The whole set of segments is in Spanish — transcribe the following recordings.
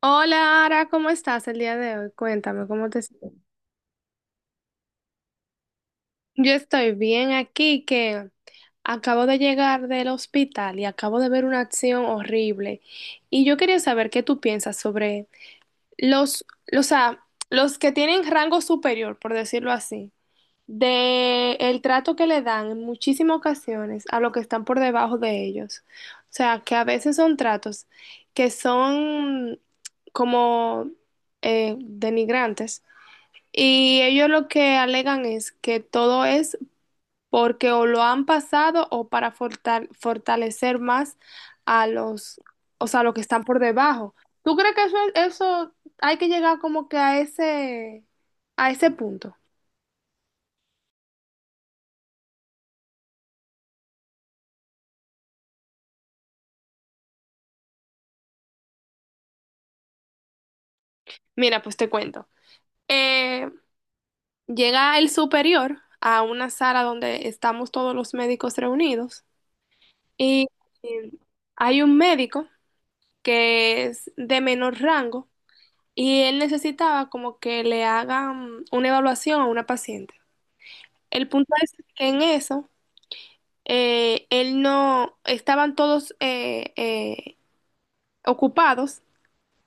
Hola, Ara, ¿cómo estás el día de hoy? Cuéntame, ¿cómo te sientes? Yo estoy bien aquí, que acabo de llegar del hospital y acabo de ver una acción horrible. Y yo quería saber qué tú piensas sobre los, o sea, los que tienen rango superior, por decirlo así, de el trato que le dan en muchísimas ocasiones a los que están por debajo de ellos. O sea, que a veces son tratos que son como denigrantes. Y ellos lo que alegan es que todo es porque o lo han pasado o para fortalecer más a los, o sea, los que están por debajo. ¿Tú crees que eso hay que llegar como que a ese punto? Mira, pues te cuento. Eh, Llega el superior a una sala donde estamos todos los médicos reunidos y eh, hay un médico que es de menor rango. Y él necesitaba como que le hagan una evaluación a una paciente. El punto es que en eso, él no, estaban todos ocupados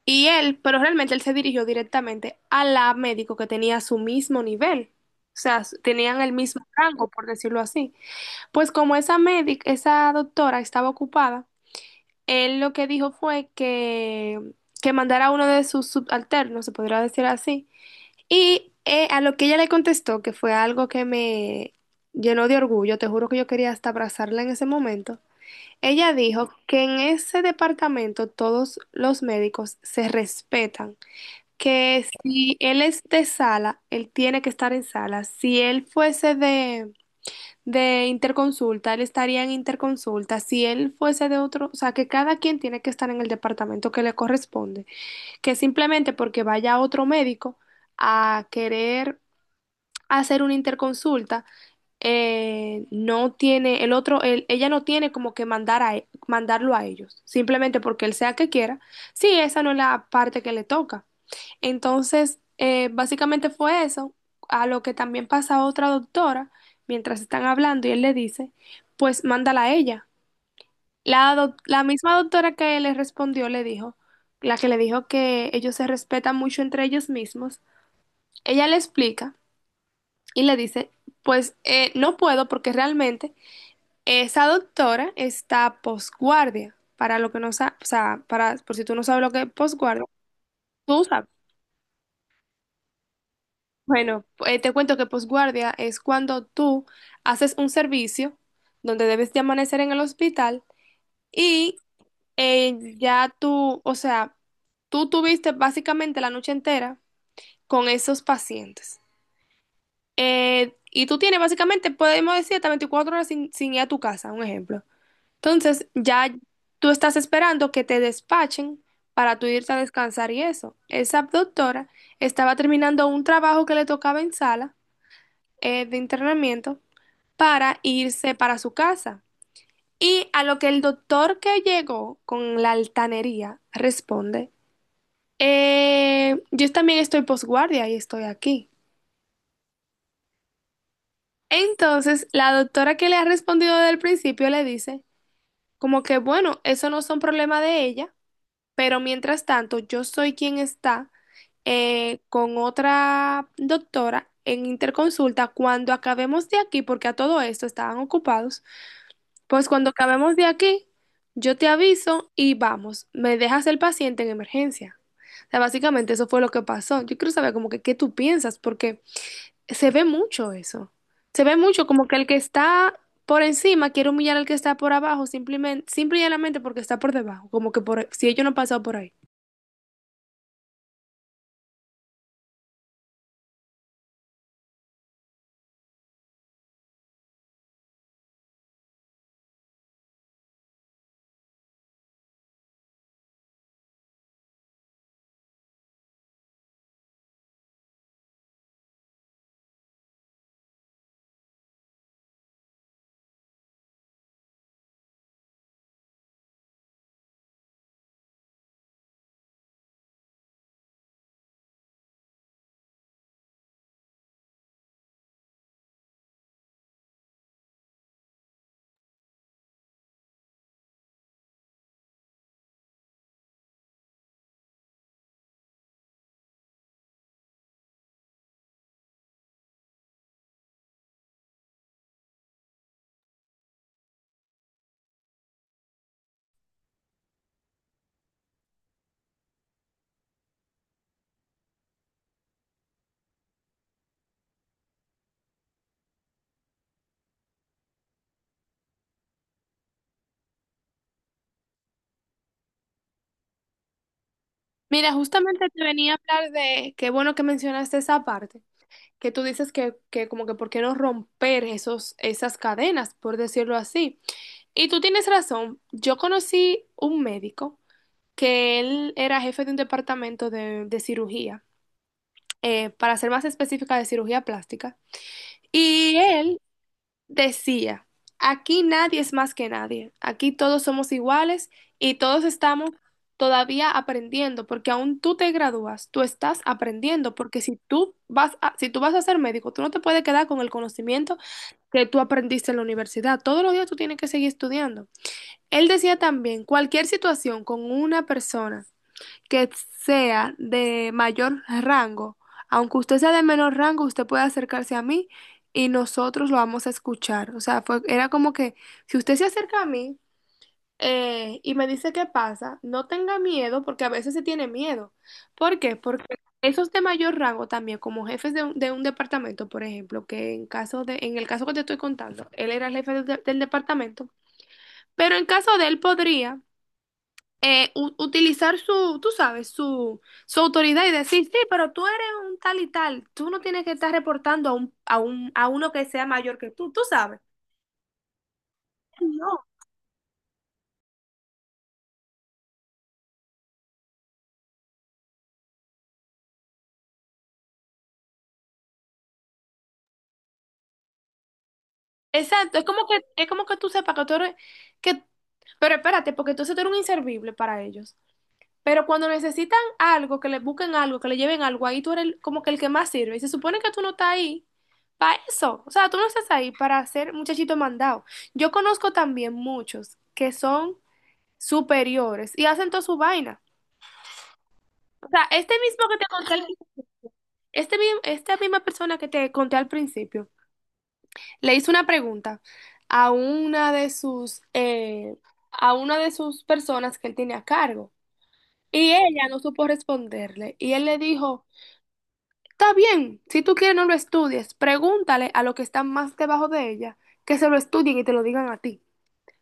y él, pero realmente él se dirigió directamente a la médico que tenía su mismo nivel. O sea, tenían el mismo rango, por decirlo así. Pues como esa médica, esa doctora estaba ocupada, él lo que dijo fue que mandara a uno de sus subalternos, se podría decir así. Y a lo que ella le contestó, que fue algo que me llenó de orgullo, te juro que yo quería hasta abrazarla en ese momento, ella dijo que en ese departamento todos los médicos se respetan, que si él es de sala, él tiene que estar en sala, si él fuese de interconsulta, él estaría en interconsulta, si él fuese de otro, o sea, que cada quien tiene que estar en el departamento que le corresponde, que simplemente porque vaya otro médico a querer hacer una interconsulta, no tiene el otro, ella no tiene como que mandar a, mandarlo a ellos, simplemente porque él sea que quiera. Sí, esa no es la parte que le toca. Entonces, básicamente fue eso, a lo que también pasa otra doctora, mientras están hablando y él le dice, pues mándala a ella. La, la misma doctora que le respondió le dijo, la que le dijo que ellos se respetan mucho entre ellos mismos, ella le explica y le dice, pues no puedo porque realmente esa doctora está posguardia. Para lo que no sabes, o sea, para, por si tú no sabes lo que es posguardia, tú sabes. Bueno, te cuento que posguardia es cuando tú haces un servicio donde debes de amanecer en el hospital y ya tú, o sea, tú tuviste básicamente la noche entera con esos pacientes. Y tú tienes básicamente, podemos decir, hasta 24 horas sin ir a tu casa, un ejemplo. Entonces, ya tú estás esperando que te despachen para tú irte a descansar y eso. Esa doctora estaba terminando un trabajo que le tocaba en sala de internamiento para irse para su casa. Y a lo que el doctor que llegó con la altanería responde, yo también estoy posguardia y estoy aquí." Entonces, la doctora que le ha respondido desde el principio le dice, como que bueno, eso no son problema de ella. Pero mientras tanto, yo soy quien está con otra doctora en interconsulta cuando acabemos de aquí, porque a todo esto estaban ocupados. Pues cuando acabemos de aquí, yo te aviso y vamos, me dejas el paciente en emergencia. O sea, básicamente eso fue lo que pasó. Yo quiero saber como que qué tú piensas, porque se ve mucho eso. Se ve mucho como que el que está por encima quiere humillar al que está por abajo, simplemente, simple y llanamente porque está por debajo, como que por, si ellos no han pasado por ahí. Mira, justamente te venía a hablar de, qué bueno que mencionaste esa parte, que tú dices que como que por qué no romper esos, esas cadenas, por decirlo así. Y tú tienes razón, yo conocí un médico que él era jefe de un departamento de cirugía, para ser más específica de cirugía plástica, y él decía, aquí nadie es más que nadie, aquí todos somos iguales y todos estamos todavía aprendiendo, porque aún tú te gradúas, tú estás aprendiendo, porque si tú vas a, si tú vas a ser médico, tú no te puedes quedar con el conocimiento que tú aprendiste en la universidad, todos los días tú tienes que seguir estudiando. Él decía también, cualquier situación con una persona que sea de mayor rango, aunque usted sea de menor rango, usted puede acercarse a mí y nosotros lo vamos a escuchar. O sea, fue, era como que si usted se acerca a mí y me dice qué pasa, no tenga miedo porque a veces se tiene miedo. ¿Por qué? Porque esos de mayor rango también, como jefes de un departamento, por ejemplo, que en caso de, en el caso que te estoy contando, él era el del departamento, pero en caso de él podría utilizar su, tú sabes, su autoridad y decir, sí, pero tú eres un tal y tal, tú no tienes que estar reportando a un, a un, a uno que sea mayor que tú sabes. No. Exacto, es como que tú sepas que tú eres, que, pero espérate, porque entonces tú eres un inservible para ellos. Pero cuando necesitan algo, que le busquen algo, que le lleven algo, ahí tú eres como que el que más sirve. Y se supone que tú no estás ahí para eso. O sea, tú no estás ahí para ser muchachito mandado. Yo conozco también muchos que son superiores y hacen toda su vaina. O sea, este mismo que te conté, esta misma persona que te conté al principio, le hizo una pregunta a una de sus, a una de sus personas que él tiene a cargo y ella no supo responderle y él le dijo, está bien, si tú quieres no lo estudies, pregúntale a los que están más debajo de ella que se lo estudien y te lo digan a ti,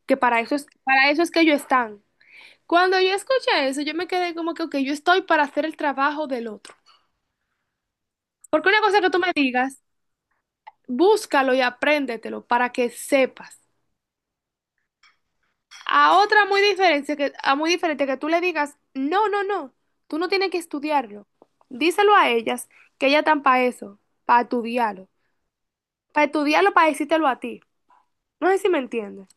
que para eso es que ellos están. Cuando yo escuché eso, yo me quedé como que, ok, yo estoy para hacer el trabajo del otro. Porque una cosa que tú me digas, búscalo y apréndetelo para que sepas. A otra muy diferente que, a muy diferente que tú le digas, no, no, no, tú no tienes que estudiarlo. Díselo a ellas que ellas están para eso, para estudiarlo. Para estudiarlo, para decírtelo a ti. No sé si me entiendes.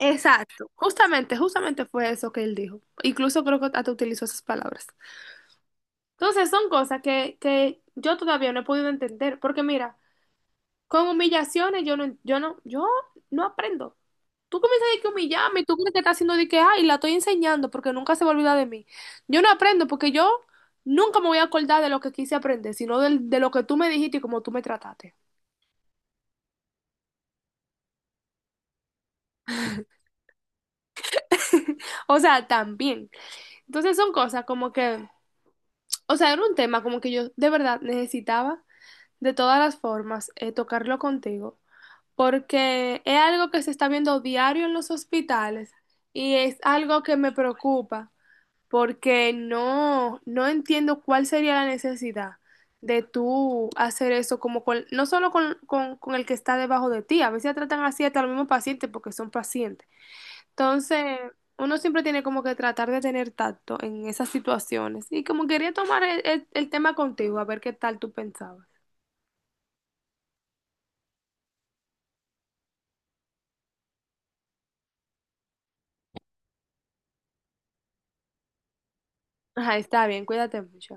Exacto, justamente, justamente fue eso que él dijo. Incluso creo que hasta utilizó esas palabras. Entonces son cosas que yo todavía no he podido entender, porque mira, con humillaciones yo no aprendo. Tú comienzas de que humillarme, tú crees que estás haciendo de que, ay, la estoy enseñando porque nunca se va a olvidar de mí. Yo no aprendo porque yo nunca me voy a acordar de lo que quise aprender, sino de, lo que tú me dijiste y cómo tú me trataste. O sea, también. Entonces son cosas como que, o sea, era un tema como que yo de verdad necesitaba de todas las formas tocarlo contigo, porque es algo que se está viendo diario en los hospitales y es algo que me preocupa. Porque no, no entiendo cuál sería la necesidad de tú hacer eso como con, no solo con el que está debajo de ti, a veces tratan así hasta los mismos pacientes porque son pacientes. Entonces, uno siempre tiene como que tratar de tener tacto en esas situaciones. Y como quería tomar el, el tema contigo, a ver qué tal tú pensabas. Ajá, está bien, cuídate mucho.